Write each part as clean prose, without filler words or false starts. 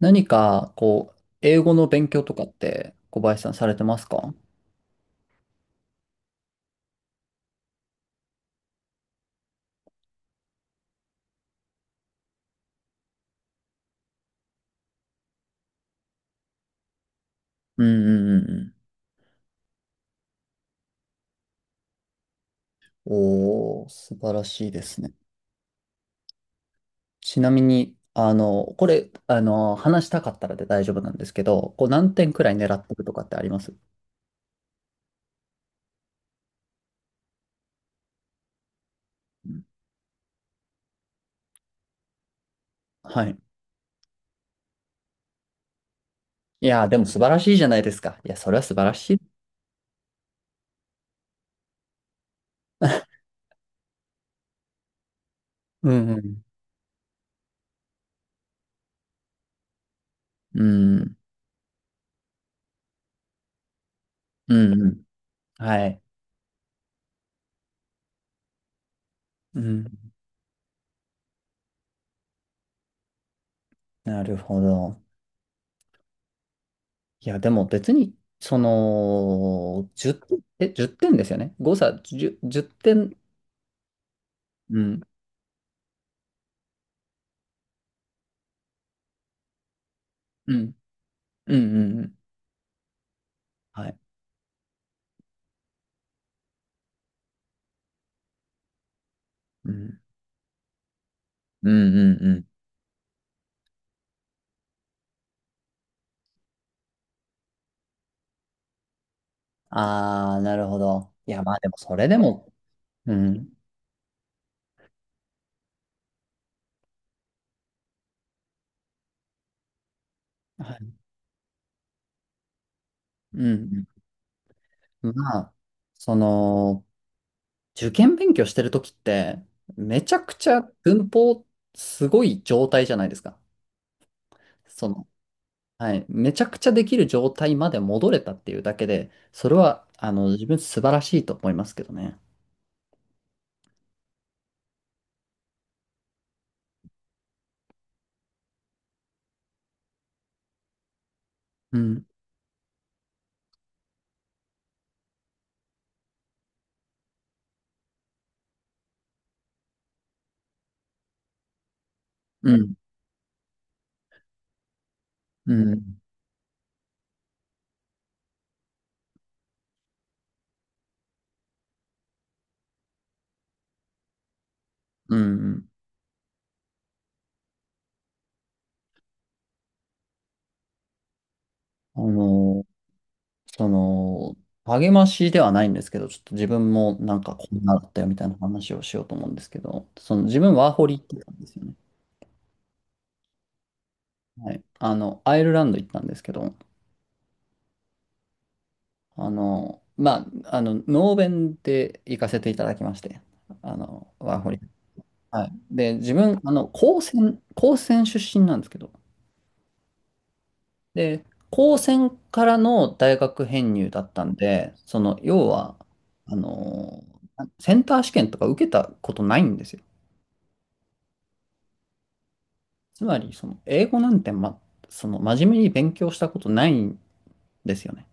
何か、こう、英語の勉強とかって小林さんされてますか？うんうんうんうん。おー、素晴らしいですね。ちなみに、これ、話したかったらで大丈夫なんですけど、こう何点くらい狙ってるとかってあります？うん。はい。いやー、でも素晴らしいじゃないですか。いや、それは素晴らしい。うんうん。うん。うんうん。はい。うん。なるほど。いや、でも別に、その、10、1点ですよね。誤差10、10点。うん。うん。うん。うんうんはい。うん。うん。うん。うん。ああ、なるほど。いや、まあでも、それでも、うん。はい。うん。うん。まあ、その、受験勉強してるときって、めちゃくちゃ文法すごい状態じゃないですか。その、はい。めちゃくちゃできる状態まで戻れたっていうだけで、それは、自分素晴らしいと思いますけどね。うん。うん。うん。うん。うん。あのその、励ましではないんですけど、ちょっと自分もなんかこうんなだったよみたいな話をしようと思うんですけど、その自分ワーホリ行ってたんですよね。はい。アイルランド行ったんですけど、まあ、ノーベンで行かせていただきまして、ワーホリ。はい。で、自分、高専出身なんですけど、で、高専からの大学編入だったんで、その、要は、あの、センター試験とか受けたことないんですよ。つまり、その、英語なんて、ま、その、真面目に勉強したことないんですよね。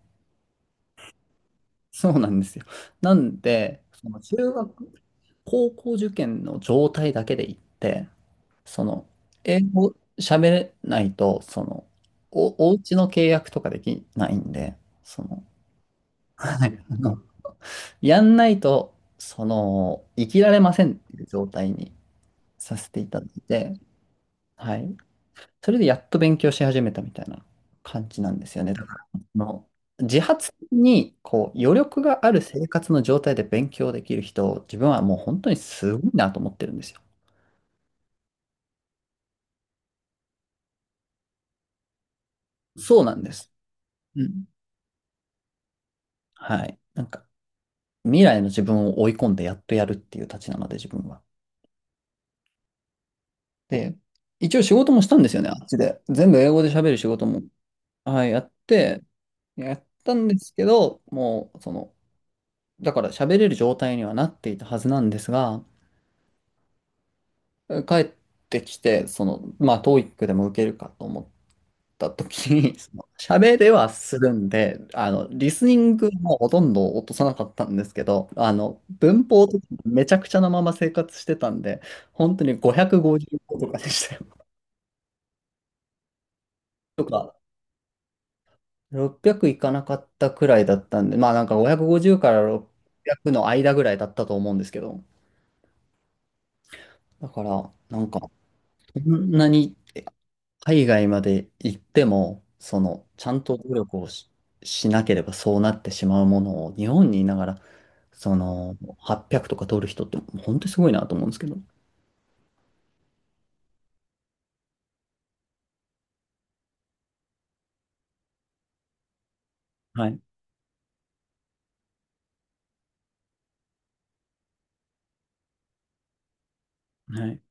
そうなんですよ。なんで、その、中学、高校受験の状態だけで言って、その、英語喋れないと、その、お家の契約とかできないんで、その、はい。やんないと、その、生きられませんっていう状態にさせていただいて、はい。それでやっと勉強し始めたみたいな感じなんですよね。だから自発にこう余力がある生活の状態で勉強できる人、自分はもう本当にすごいなと思ってるんですよ。そうなんです。うん。はい。なんか未来の自分を追い込んでやっとやるっていうたちなので自分は。で、一応仕事もしたんですよね、あっちで。全部英語で喋る仕事も、はい、やったんですけど、もうその、だから喋れる状態にはなっていたはずなんですが、帰ってきて、その、まあ、ト o e i でも受けるかと思った時に、その喋れはするんで、リスニングもほとんど落とさなかったんですけど、文法とかめちゃくちゃなまま生活してたんで、本当に550とかでしたよ。とか、600いかなかったくらいだったんで、まあなんか550から600の間ぐらいだったと思うんですけど、だから、なんか、そんなに海外まで行っても、その、ちゃんと努力をしなければそうなってしまうものを、日本にいながら、その、800とか取る人って、本当にすごいなと思うんですけど。はい。はい。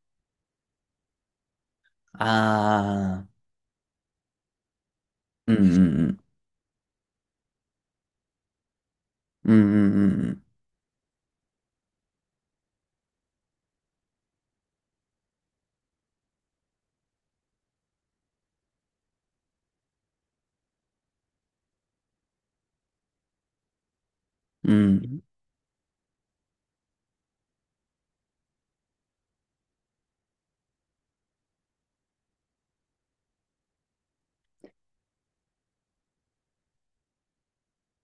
ああ、うんうんうん。うんうんうんうん。うん。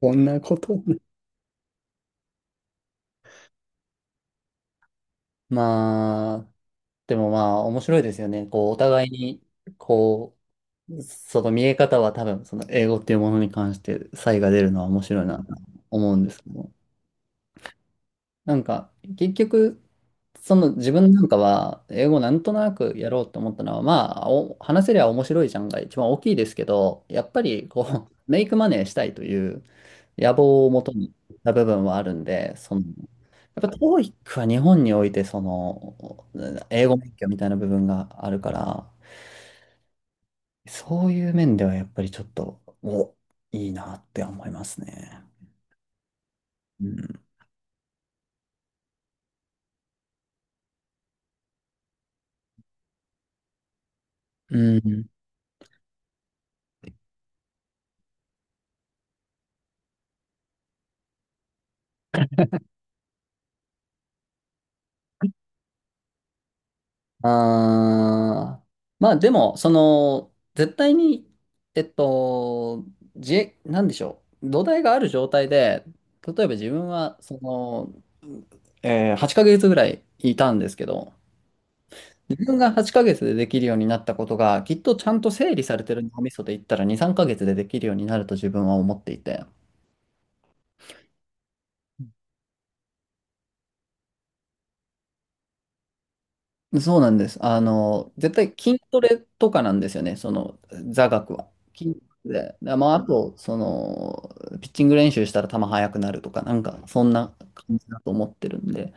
こんなこと。まあ、でもまあ、面白いですよね。こう、お互いに、こう、その見え方は多分、その英語っていうものに関して差異が出るのは面白いなと思うんですけど。なんか、結局、その自分なんかは、英語なんとなくやろうと思ったのは、まあ、お話せりゃ面白いじゃんが一番大きいですけど、やっぱり、こう、メイクマネーしたいという野望をもとにした部分はあるんで、その、やっぱ TOEIC は日本において、その、英語勉強みたいな部分があるから、そういう面ではやっぱりちょっと、いいなって思いますね。うん。うん。あー、まあでも、その、絶対に、えっと、なんでしょう。土台がある状態で、例えば自分は、その、8ヶ月ぐらいいたんですけど、自分が8ヶ月でできるようになったことが、きっとちゃんと整理されてる脳みそで言ったら2、3ヶ月でできるようになると自分は思っていて、そうなんです。絶対筋トレとかなんですよね、その座学は。筋トレで、まあ、あと、その、ピッチング練習したら球速くなるとか、なんか、そんな感じだと思ってるんで、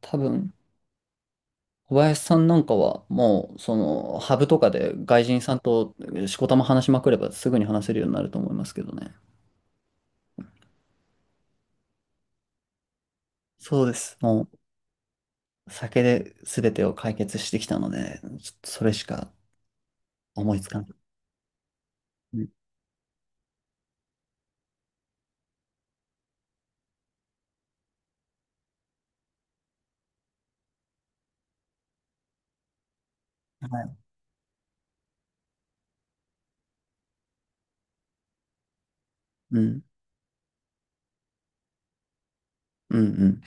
多分、小林さんなんかは、もう、その、ハブとかで外人さんとしこたま話しまくれば、すぐに話せるようになると思いますけどね。そうです。もう、酒で全てを解決してきたので、ちょっとそれしか思いつかない。うん。はい。うん。うん。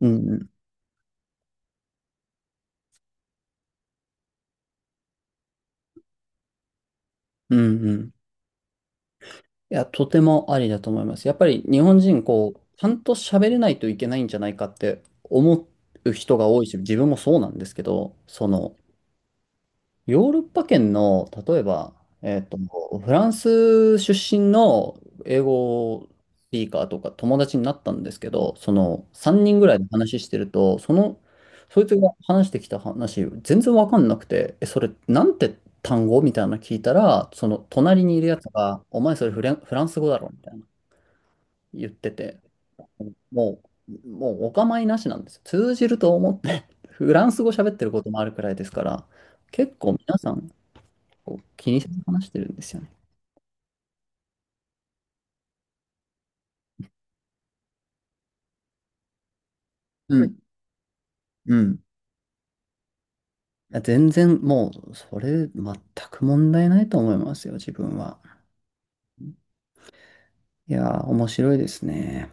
うんうんうんうん。いや、とてもありだと思います。やっぱり日本人、こう、ちゃんと喋れないといけないんじゃないかって思う人が多いし、自分もそうなんですけど、その、ヨーロッパ圏の、例えば、えっと、フランス出身の英語スピーカーとか友達になったんですけど、その3人ぐらいで話してると、その、そいつが話してきた話、全然わかんなくて、え、それ、なんて単語みたいなの聞いたら、その隣にいるやつが、お前それフランス語だろみたいな言ってて、ももうお構いなしなんですよ。通じると思って、フランス語喋ってることもあるくらいですから、結構皆さん、こう気にせず話してるんですよね。うん。うん。いや全然もう、それ全く問題ないと思いますよ、自分は。いやー、面白いですね。